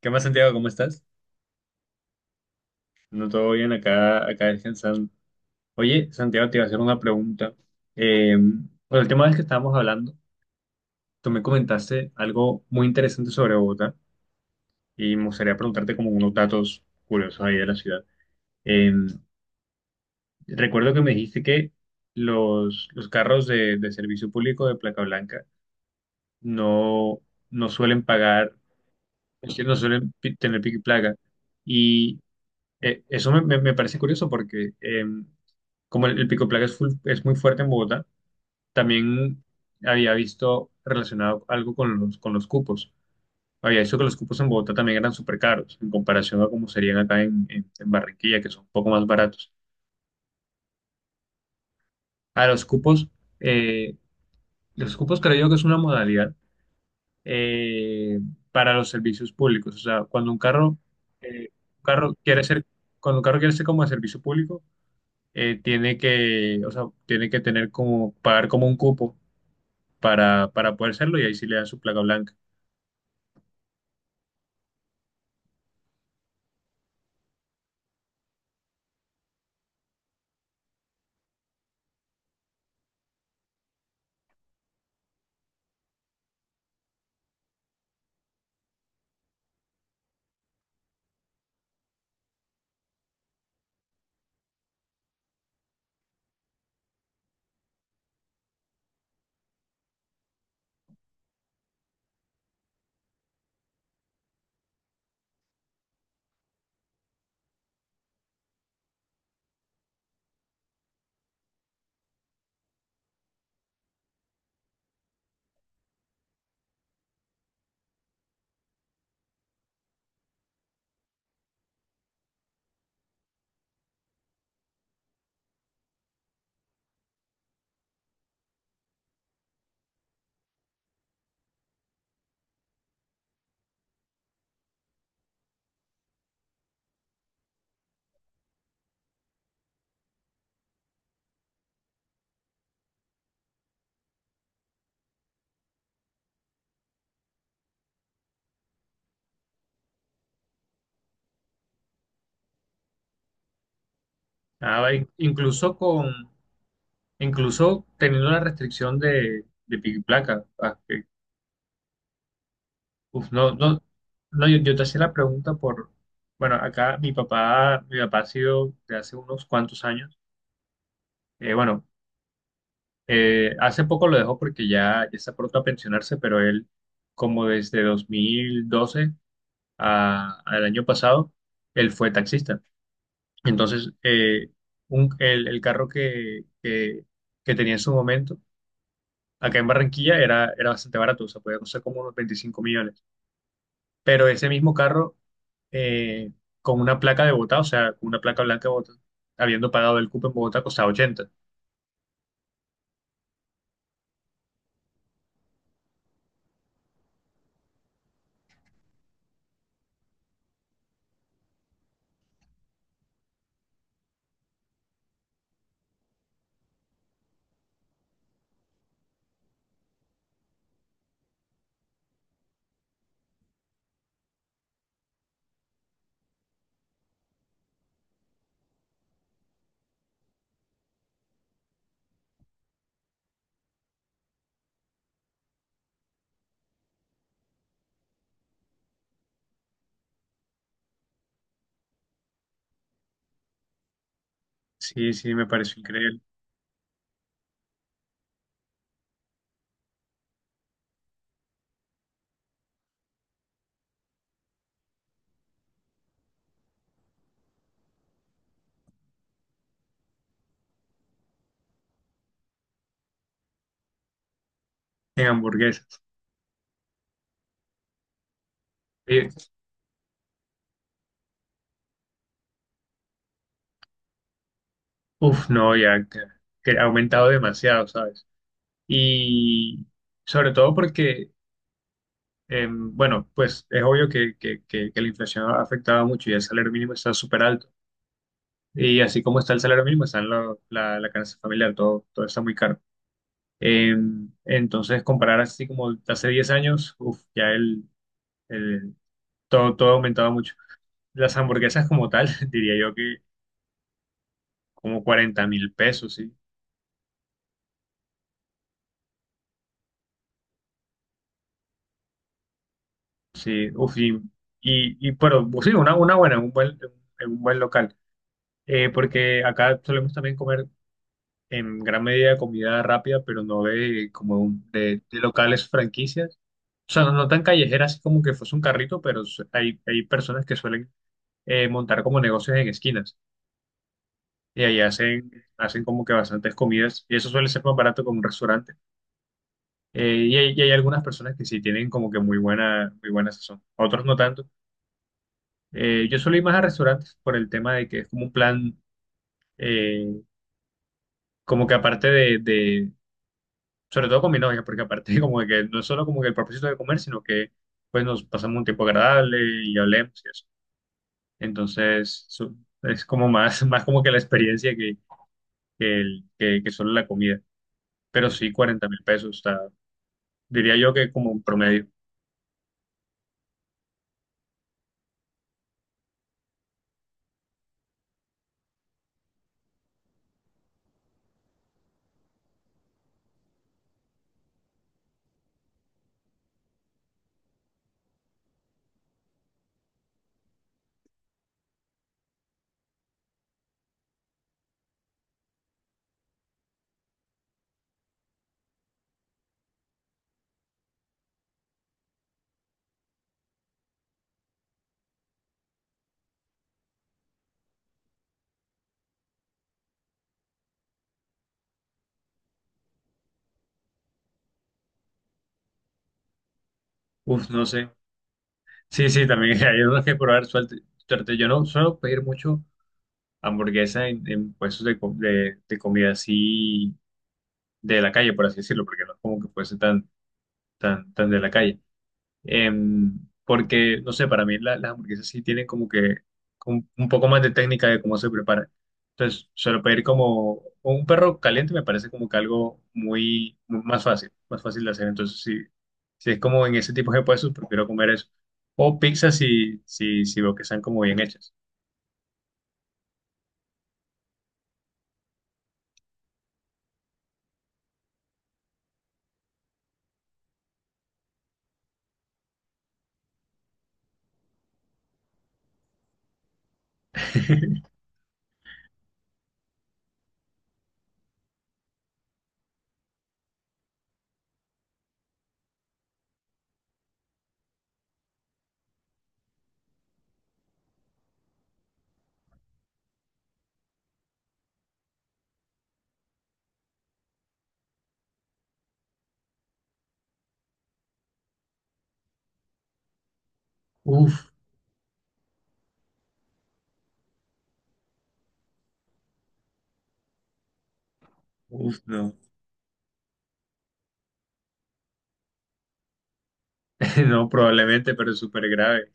¿Qué más, Santiago? ¿Cómo estás? No todo bien acá descansando. Oye, Santiago, te iba a hacer una pregunta. Bueno, el tema del que estábamos hablando, tú me comentaste algo muy interesante sobre Bogotá y me gustaría preguntarte como unos datos curiosos ahí de la ciudad. Eh, Recuerdo que me dijiste que los carros de servicio público de placa blanca no, no suelen pagar, es decir, no suelen tener pico y placa. Eso me parece curioso porque como el pico placa es muy fuerte en Bogotá, también había visto relacionado algo con los cupos. Había visto que los cupos en Bogotá también eran súper caros en comparación a como serían acá en Barranquilla, que son un poco más baratos. A los cupos, eh, los cupos creo yo que es una modalidad eh, para los servicios públicos. O sea, eh, un carro quiere ser, cuando un carro quiere ser como de servicio público, o sea, tiene que tener como, pagar como un cupo para poder hacerlo y ahí sí le dan su placa blanca. Ah, va, incluso teniendo la restricción de pico y placa. Ah, uf, no, no, no, yo te hacía la pregunta por, bueno, acá mi papá ha sido de hace unos cuantos años, bueno, hace poco lo dejó porque ya está pronto a pensionarse, pero él como desde 2012 al año pasado, él fue taxista. Entonces, el carro que tenía en su momento, acá en Barranquilla, era bastante barato, o sea, podía costar como unos 25 millones. Pero ese mismo carro, eh, con una placa de Bogotá, o sea, con una placa blanca de Bogotá, habiendo pagado el cupo en Bogotá, costaba 80. Sí, sí, me pareció increíble. En hamburguesas. Eh, Uf, no, ya que ha aumentado demasiado, ¿sabes? Y sobre todo porque bueno, pues es obvio que la inflación ha afectado mucho y el salario mínimo está súper alto. Y así como está el salario mínimo, está la canasta familiar, todo está muy caro. Eh, entonces, comparar así como hace 10 años, uf, ya el- todo, ha aumentado mucho. Las hamburguesas como tal, diría yo que como 40.000 pesos, sí. Sí, uf, y, pero pues sí, una buena, en un buen local. Porque acá solemos también comer en gran medida de comida rápida, pero no de como de locales franquicias. O sea, no, no tan callejeras así como que fuese un carrito, pero hay personas que suelen montar como negocios en esquinas y ahí hacen como que bastantes comidas y eso suele ser más barato que un restaurante. Y hay algunas personas que sí tienen como que muy buena sazón, otros no tanto. Yo suelo ir más a restaurantes por el tema de que es como un plan, eh, como que aparte de, sobre todo con mi novia, porque aparte como de que no es solo como que el propósito de comer, sino que pues nos pasamos un tiempo agradable y hablemos y eso. Entonces es como más, más como que la experiencia que solo la comida. Pero sí, 40.000 pesos, está, diría yo que como un promedio. Uf, no sé. Sí, sí, también hay unos que probar Suerte. Yo no suelo pedir mucho hamburguesa en puestos de comida así de la calle, por así decirlo, porque no es como que fuese tan, tan, tan de la calle. Em, Porque, no sé, para mí las hamburguesas sí tienen como que un poco más de técnica de cómo se preparan. Entonces, solo pedir como un perro caliente me parece como que algo muy, muy más fácil de hacer. Entonces, si es como en ese tipo de puestos, prefiero comer eso. O pizza si veo que están como bien hechas. Uf, uf, no. No, probablemente, pero es súper grave.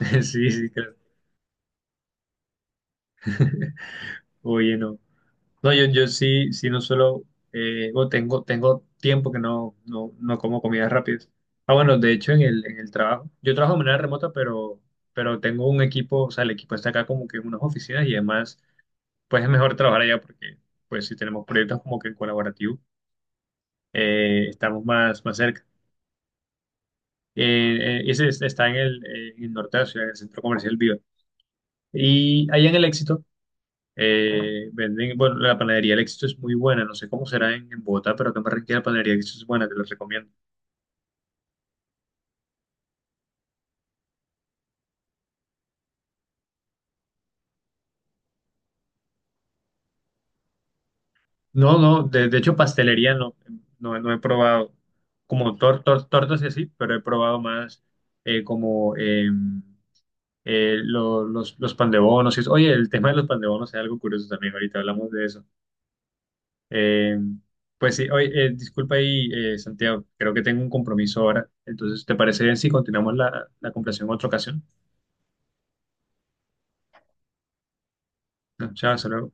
Sí, sí, claro. Oye, no. No, yo sí, sí no suelo, o tengo, tiempo que no, no, no como comidas rápidas. Ah, bueno, de hecho en el trabajo, yo trabajo de manera remota, pero tengo un equipo, o sea, el equipo está acá como que en unas oficinas y además, pues es mejor trabajar allá porque, pues si tenemos proyectos como que en colaborativo, estamos más, más cerca. Ese está en el norte de la ciudad, en el centro comercial Viva. Y allá en el Éxito. Venden, bueno, la panadería El Éxito es muy buena, no sé cómo será en Bogotá, pero acá en Barranquilla la panadería El Éxito es buena, te la recomiendo. No, no, de hecho pastelería no, no, no he probado, como tortas y así, pero he probado más como los pan de bonos y eso. Oye, el tema de los pan de bonos es algo curioso también, ahorita hablamos de eso. Eh, pues sí, oye, disculpa ahí, Santiago, creo que tengo un compromiso ahora, entonces, ¿te parece bien si continuamos la conversación en otra ocasión? No, chao, hasta luego.